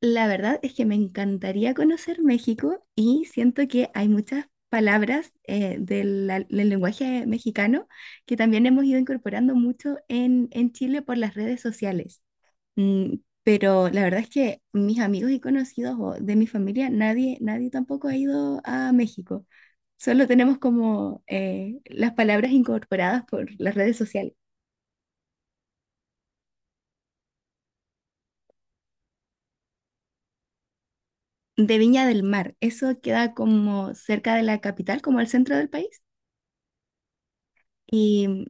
La verdad es que me encantaría conocer México y siento que hay muchas palabras del lenguaje mexicano que también hemos ido incorporando mucho en Chile por las redes sociales. Mm, pero la verdad es que mis amigos y conocidos o de mi familia, nadie tampoco ha ido a México. Solo tenemos como las palabras incorporadas por las redes sociales. De Viña del Mar, eso queda como cerca de la capital, como al centro del país. Y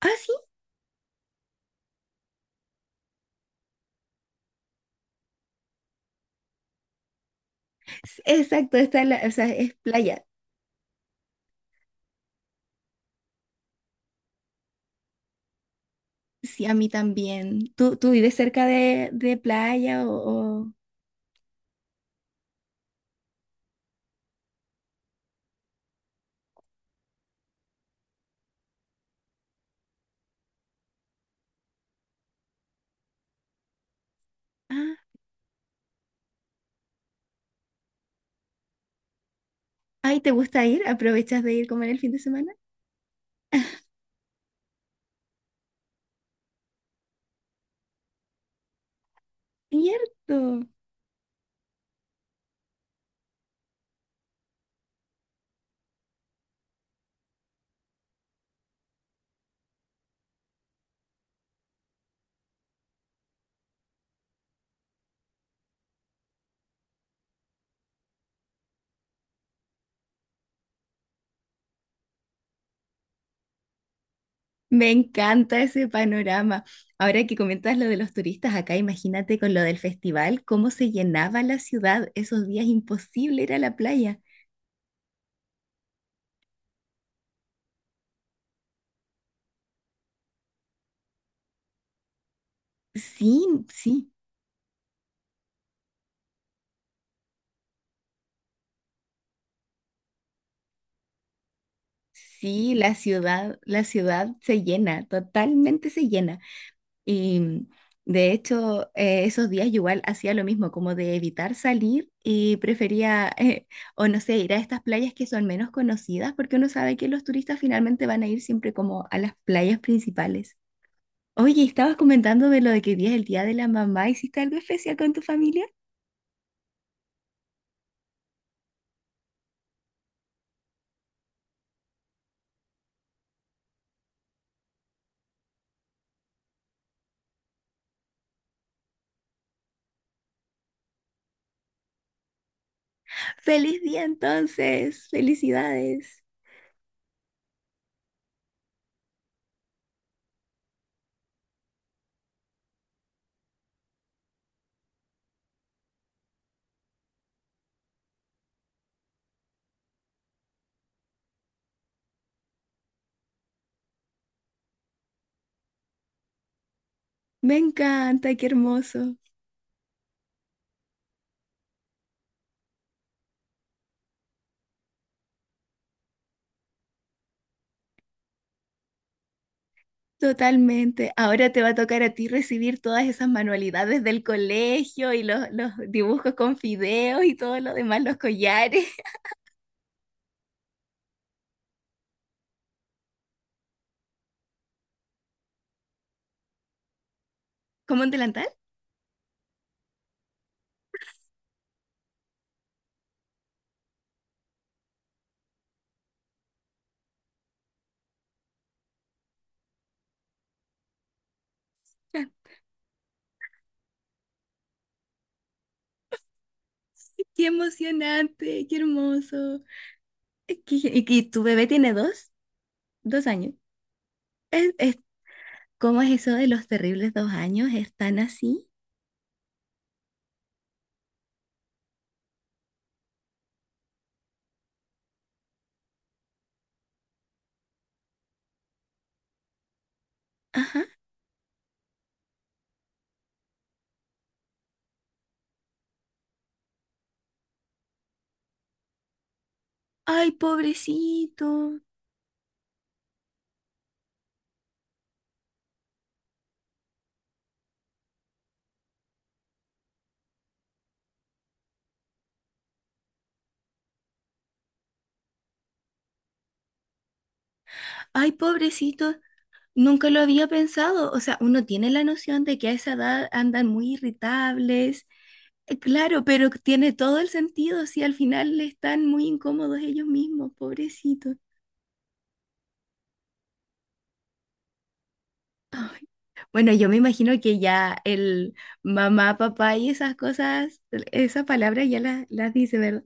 ah, sí, exacto, está en la, o sea, es playa. Sí, a mí también. Tú vives cerca de playa o? Ah, ay, ¿te gusta ir? ¿Aprovechas de ir como en el fin de semana? Cierto. Me encanta ese panorama. Ahora que comentas lo de los turistas acá, imagínate con lo del festival, cómo se llenaba la ciudad. Esos días imposible ir a la playa. Sí, sí, sí, la ciudad se llena, totalmente se llena. Y de hecho, esos días yo igual hacía lo mismo, como de evitar salir y prefería, o no sé, ir a estas playas que son menos conocidas, porque uno sabe que los turistas finalmente van a ir siempre como a las playas principales. Oye, estabas comentando de lo de que día es el día de la mamá, ¿hiciste algo especial con tu familia? ¡Feliz día entonces! ¡Felicidades! Me encanta, qué hermoso. Totalmente. Ahora te va a tocar a ti recibir todas esas manualidades del colegio y los dibujos con fideos y todo lo demás, los collares. ¿Como un delantal? Qué emocionante, qué hermoso. Qué- ¿Y, y tu bebé tiene dos? Dos años. Es. ¿Cómo es eso de los terribles dos años? ¿Están así? Ajá. Ay, pobrecito. Ay, pobrecito. Nunca lo había pensado, o sea, uno tiene la noción de que a esa edad andan muy irritables, claro, pero tiene todo el sentido si al final están muy incómodos ellos mismos, pobrecitos. Ay, bueno, yo me imagino que ya el mamá, papá y esas cosas, esas palabras ya las dice, ¿verdad?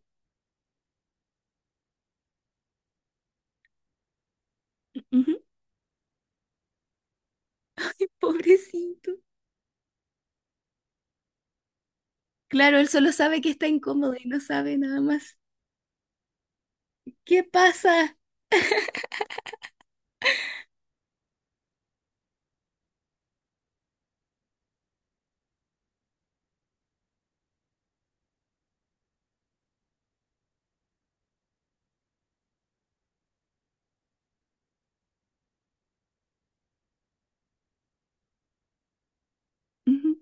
Ujú. Ay, pobrecito. Claro, él solo sabe que está incómodo y no sabe nada más. ¿Qué pasa? Ujú,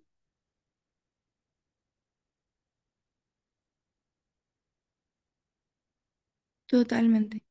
totalmente.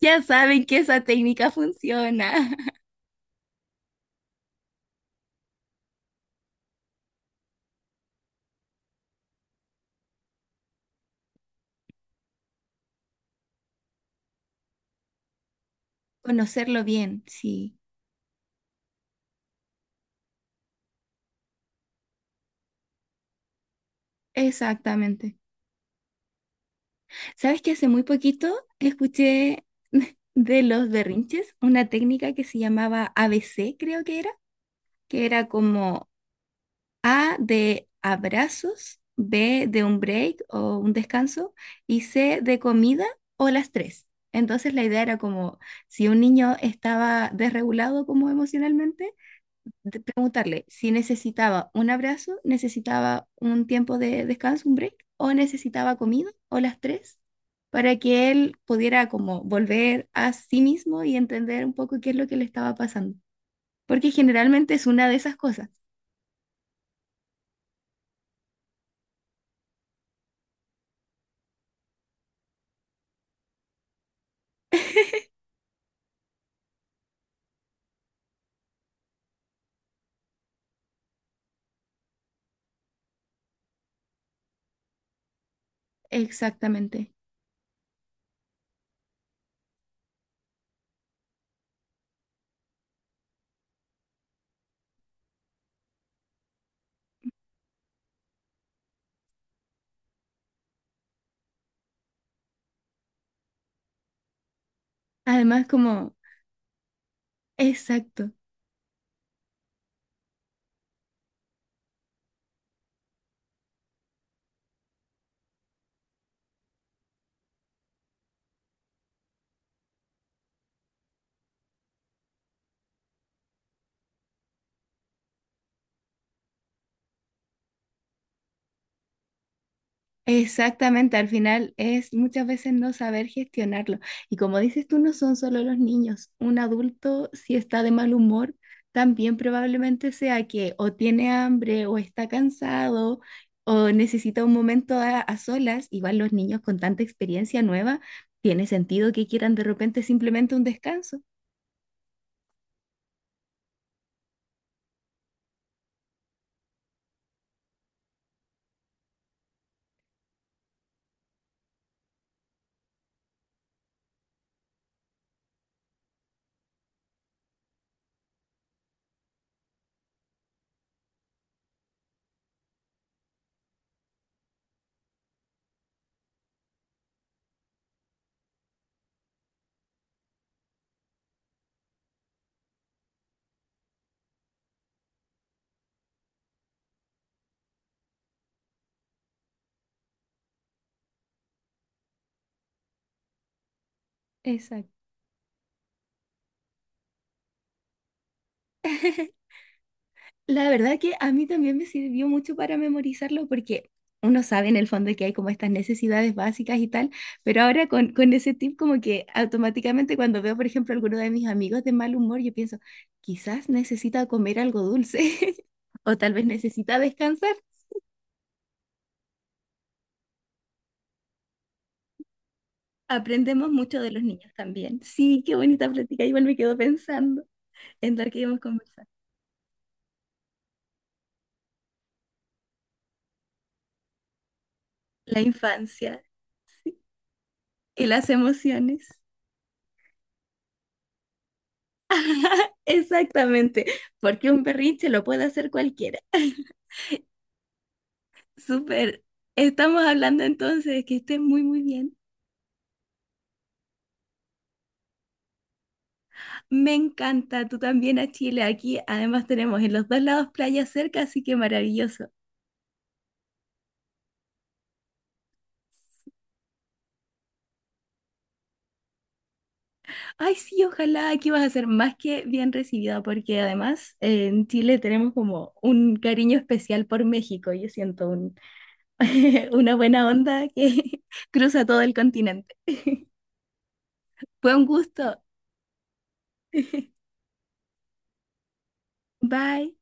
Ya saben que esa técnica funciona. Conocerlo bien, sí, exactamente. ¿Sabes que hace muy poquito escuché de los berrinches una técnica que se llamaba ABC creo que era como A de abrazos, B de un break o un descanso y C de comida o las tres? Entonces la idea era como si un niño estaba desregulado como emocionalmente, de preguntarle si necesitaba un abrazo, necesitaba un tiempo de descanso, un break, o necesitaba comida, o las tres, para que él pudiera como volver a sí mismo y entender un poco qué es lo que le estaba pasando. Porque generalmente es una de esas cosas. Exactamente. Además, como, exacto. Exactamente, al final es muchas veces no saber gestionarlo. Y como dices tú, no son solo los niños. Un adulto, si está de mal humor, también probablemente sea que o tiene hambre o está cansado o necesita un momento a solas. Igual los niños con tanta experiencia nueva, tiene sentido que quieran de repente simplemente un descanso. Exacto. La verdad que a mí también me sirvió mucho para memorizarlo porque uno sabe en el fondo que hay como estas necesidades básicas y tal, pero ahora con ese tip como que automáticamente cuando veo, por ejemplo, alguno de mis amigos de mal humor, yo pienso, quizás necesita comer algo dulce o tal vez necesita descansar. Aprendemos mucho de los niños también. Sí, qué bonita plática. Igual me quedo pensando en lo que hemos conversado. La infancia y las emociones. Exactamente, porque un berrinche lo puede hacer cualquiera. Súper. Estamos hablando entonces, que estés muy, muy bien. Me encanta, tú también a Chile. Aquí además tenemos en los dos lados playas cerca, así que maravilloso. Ay, sí, ojalá aquí vas a ser más que bien recibida, porque además en Chile tenemos como un cariño especial por México. Yo siento un- una buena onda que cruza todo el continente. Fue un gusto. Bye.